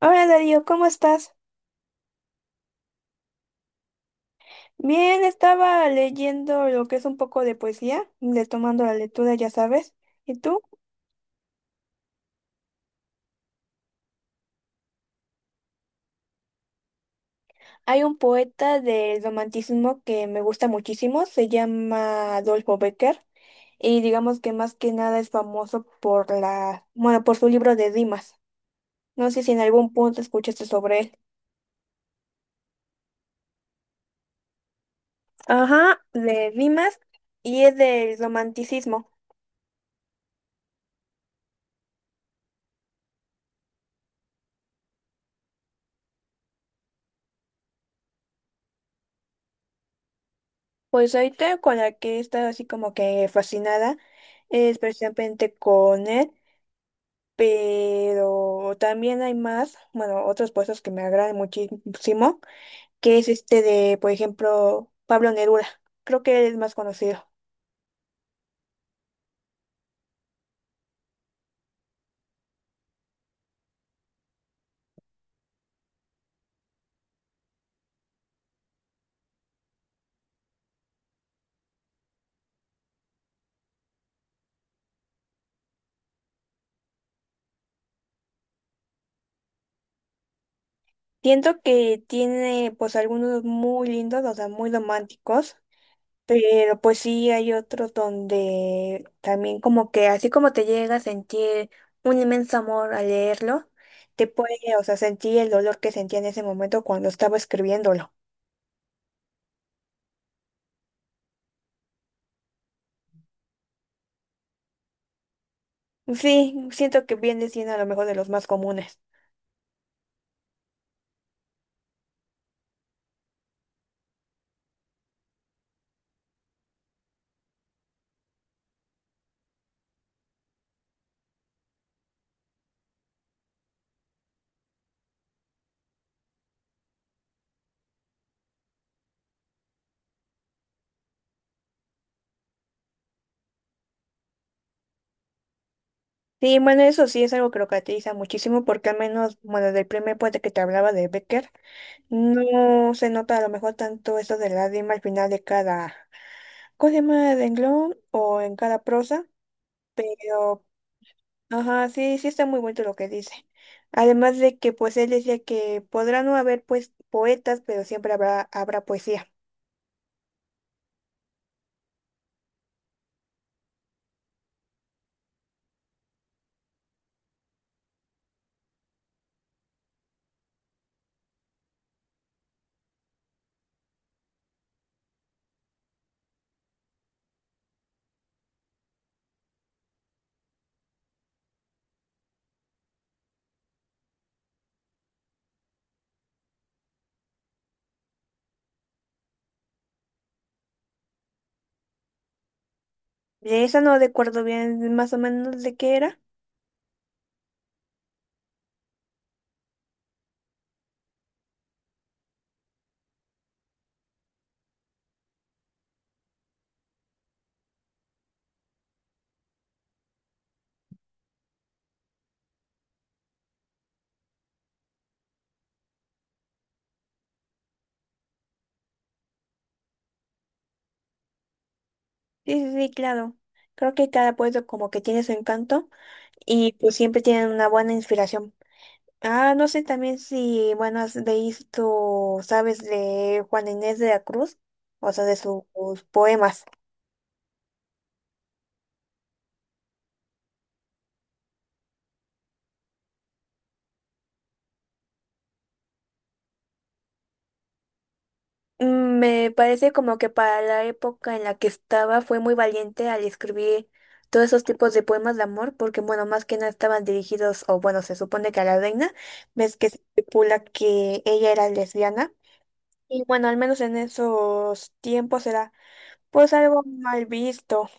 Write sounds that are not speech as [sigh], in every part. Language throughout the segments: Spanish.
Hola Darío, ¿cómo estás? Bien, estaba leyendo lo que es un poco de poesía, retomando la lectura, ya sabes. ¿Y tú? Hay un poeta del romanticismo que me gusta muchísimo, se llama Adolfo Becker, y digamos que más que nada es famoso por la, bueno, por su libro de rimas. No sé si en algún punto escuchaste sobre él. Ajá, de rimas y es del romanticismo. Pues ahorita con la que he estado así como que fascinada es precisamente con él. Pero también hay más, bueno, otros puestos que me agradan muchísimo, que es este de, por ejemplo, Pablo Neruda. Creo que él es más conocido. Siento que tiene pues algunos muy lindos, o sea, muy románticos, pero pues sí hay otros donde también como que así como te llega a sentir un inmenso amor al leerlo, te puede, o sea, sentir el dolor que sentía en ese momento cuando estaba escribiéndolo. Sí, siento que viene siendo a lo mejor de los más comunes. Sí, bueno, eso sí es algo que lo caracteriza muchísimo porque al menos, bueno, del primer poeta que te hablaba de Becker, no se nota a lo mejor tanto eso de la rima al final de cada, ¿cómo se llama? Renglón o en cada prosa, pero, ajá, sí, sí está muy bonito lo que dice. Además de que, pues, él decía que podrá no haber, pues, poetas, pero siempre habrá, habrá poesía. De esa no recuerdo bien más o menos de qué era. Sí, sí, sí, claro. Creo que cada poeta como que tiene su encanto y pues siempre tienen una buena inspiración. Ah, no sé también si, bueno, has visto, sabes, de Juan Inés de la Cruz, o sea, de sus poemas. Me parece como que para la época en la que estaba fue muy valiente al escribir todos esos tipos de poemas de amor, porque bueno, más que nada estaban dirigidos, o bueno, se supone que a la reina, ves que se especula que ella era lesbiana, y bueno, al menos en esos tiempos era pues algo mal visto.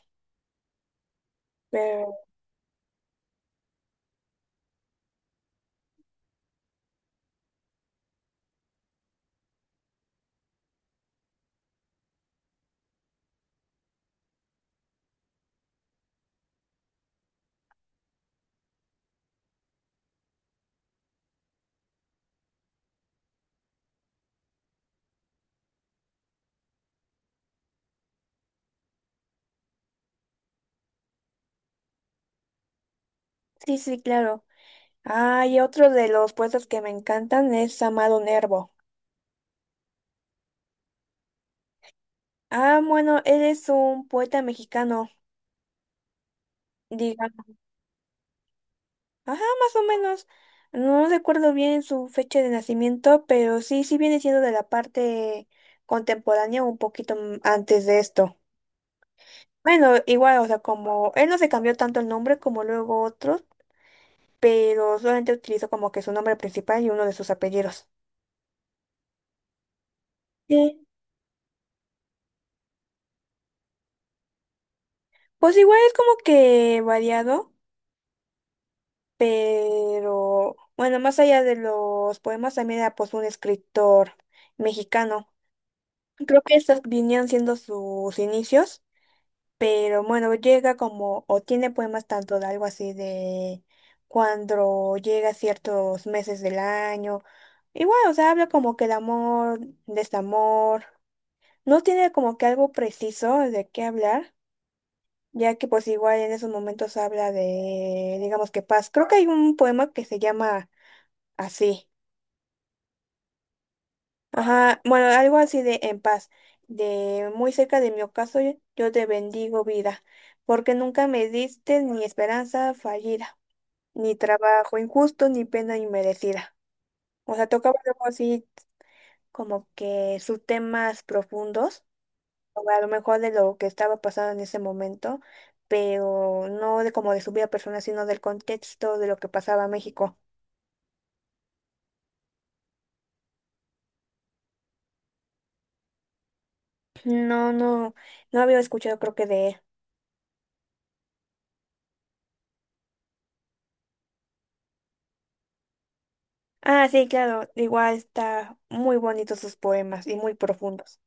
Sí, sí, claro. Ah, y otro de los poetas que me encantan es Amado Nervo. Ah, bueno, él es un poeta mexicano, digamos. Ajá, más o menos. No recuerdo bien su fecha de nacimiento, pero sí, sí viene siendo de la parte contemporánea, un poquito antes de esto. Bueno, igual, o sea, como él no se cambió tanto el nombre como luego otros, pero solamente utilizó como que su nombre principal y uno de sus apellidos. Sí. Pues igual es como que variado. Pero bueno, más allá de los poemas, también era pues un escritor mexicano. Creo que estos vinieron siendo sus inicios, pero bueno, llega como, o tiene poemas tanto de algo así de cuando llega ciertos meses del año. Igual, o sea, habla como que de amor, desamor. No tiene como que algo preciso de qué hablar, ya que pues igual en esos momentos habla de, digamos que paz. Creo que hay un poema que se llama Así. Ajá. Bueno, algo así de en paz. De muy cerca de mi ocaso, yo te bendigo vida, porque nunca me diste ni esperanza fallida, ni trabajo injusto, ni pena inmerecida. O sea, tocaba algo así como que sus temas profundos, o a lo mejor de lo que estaba pasando en ese momento, pero no de como de su vida personal, sino del contexto de lo que pasaba en México. No, no, no había escuchado creo que de él. Ah, sí, claro, igual está muy bonitos sus poemas y muy profundos.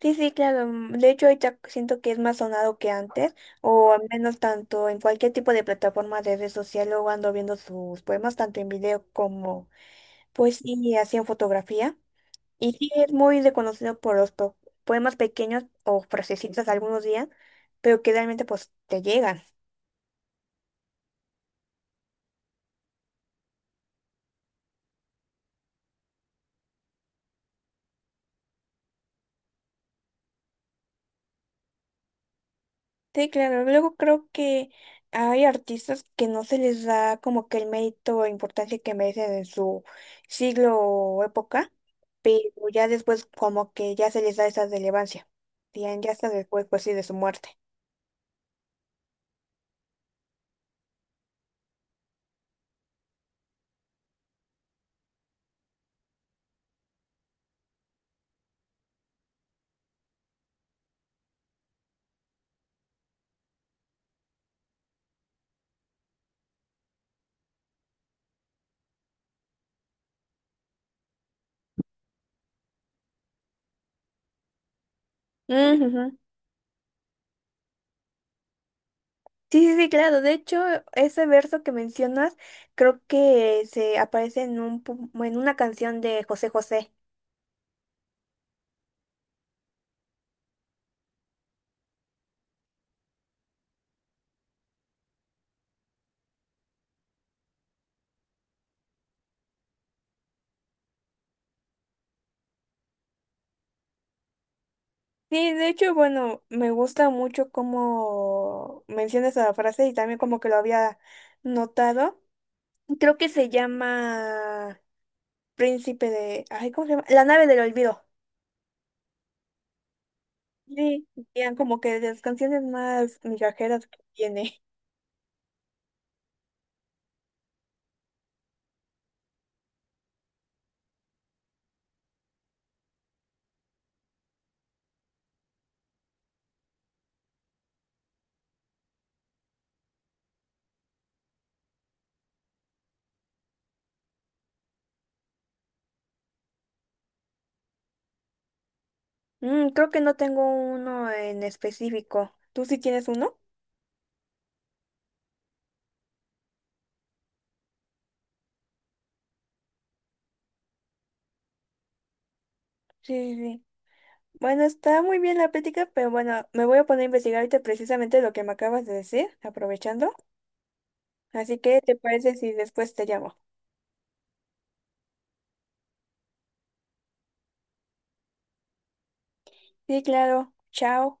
Sí, sí, claro. De hecho, ahorita siento que es más sonado que antes, o al menos tanto en cualquier tipo de plataforma de red social, luego ando viendo sus poemas, tanto en video como pues sí, y así en fotografía. Y sí, es muy reconocido por los poemas pequeños o frasecitas algunos días, pero que realmente pues te llegan. Sí, claro. Luego creo que hay artistas que no se les da como que el mérito o importancia que merecen en su siglo o época, pero ya después como que ya se les da esa relevancia. Ya, ya hasta después, pues sí, de su muerte. Ujú. Sí, sí, sí, claro. De hecho, ese verso que mencionas creo que se aparece en un, en una canción de José José. Sí, de hecho, bueno, me gusta mucho cómo mencionas esa frase y también como que lo había notado. Creo que se llama Príncipe de... Ay, ¿cómo se llama? La nave del olvido. Sí, eran como que de las canciones más migajeras que tiene. [laughs] Mm, creo que no tengo uno en específico. ¿Tú sí tienes uno? Sí, sí, sí. Bueno, está muy bien la plática, pero bueno, me voy a poner a investigar ahorita precisamente lo que me acabas de decir, aprovechando. Así que, ¿te parece si después te llamo? Sí, claro. Chao.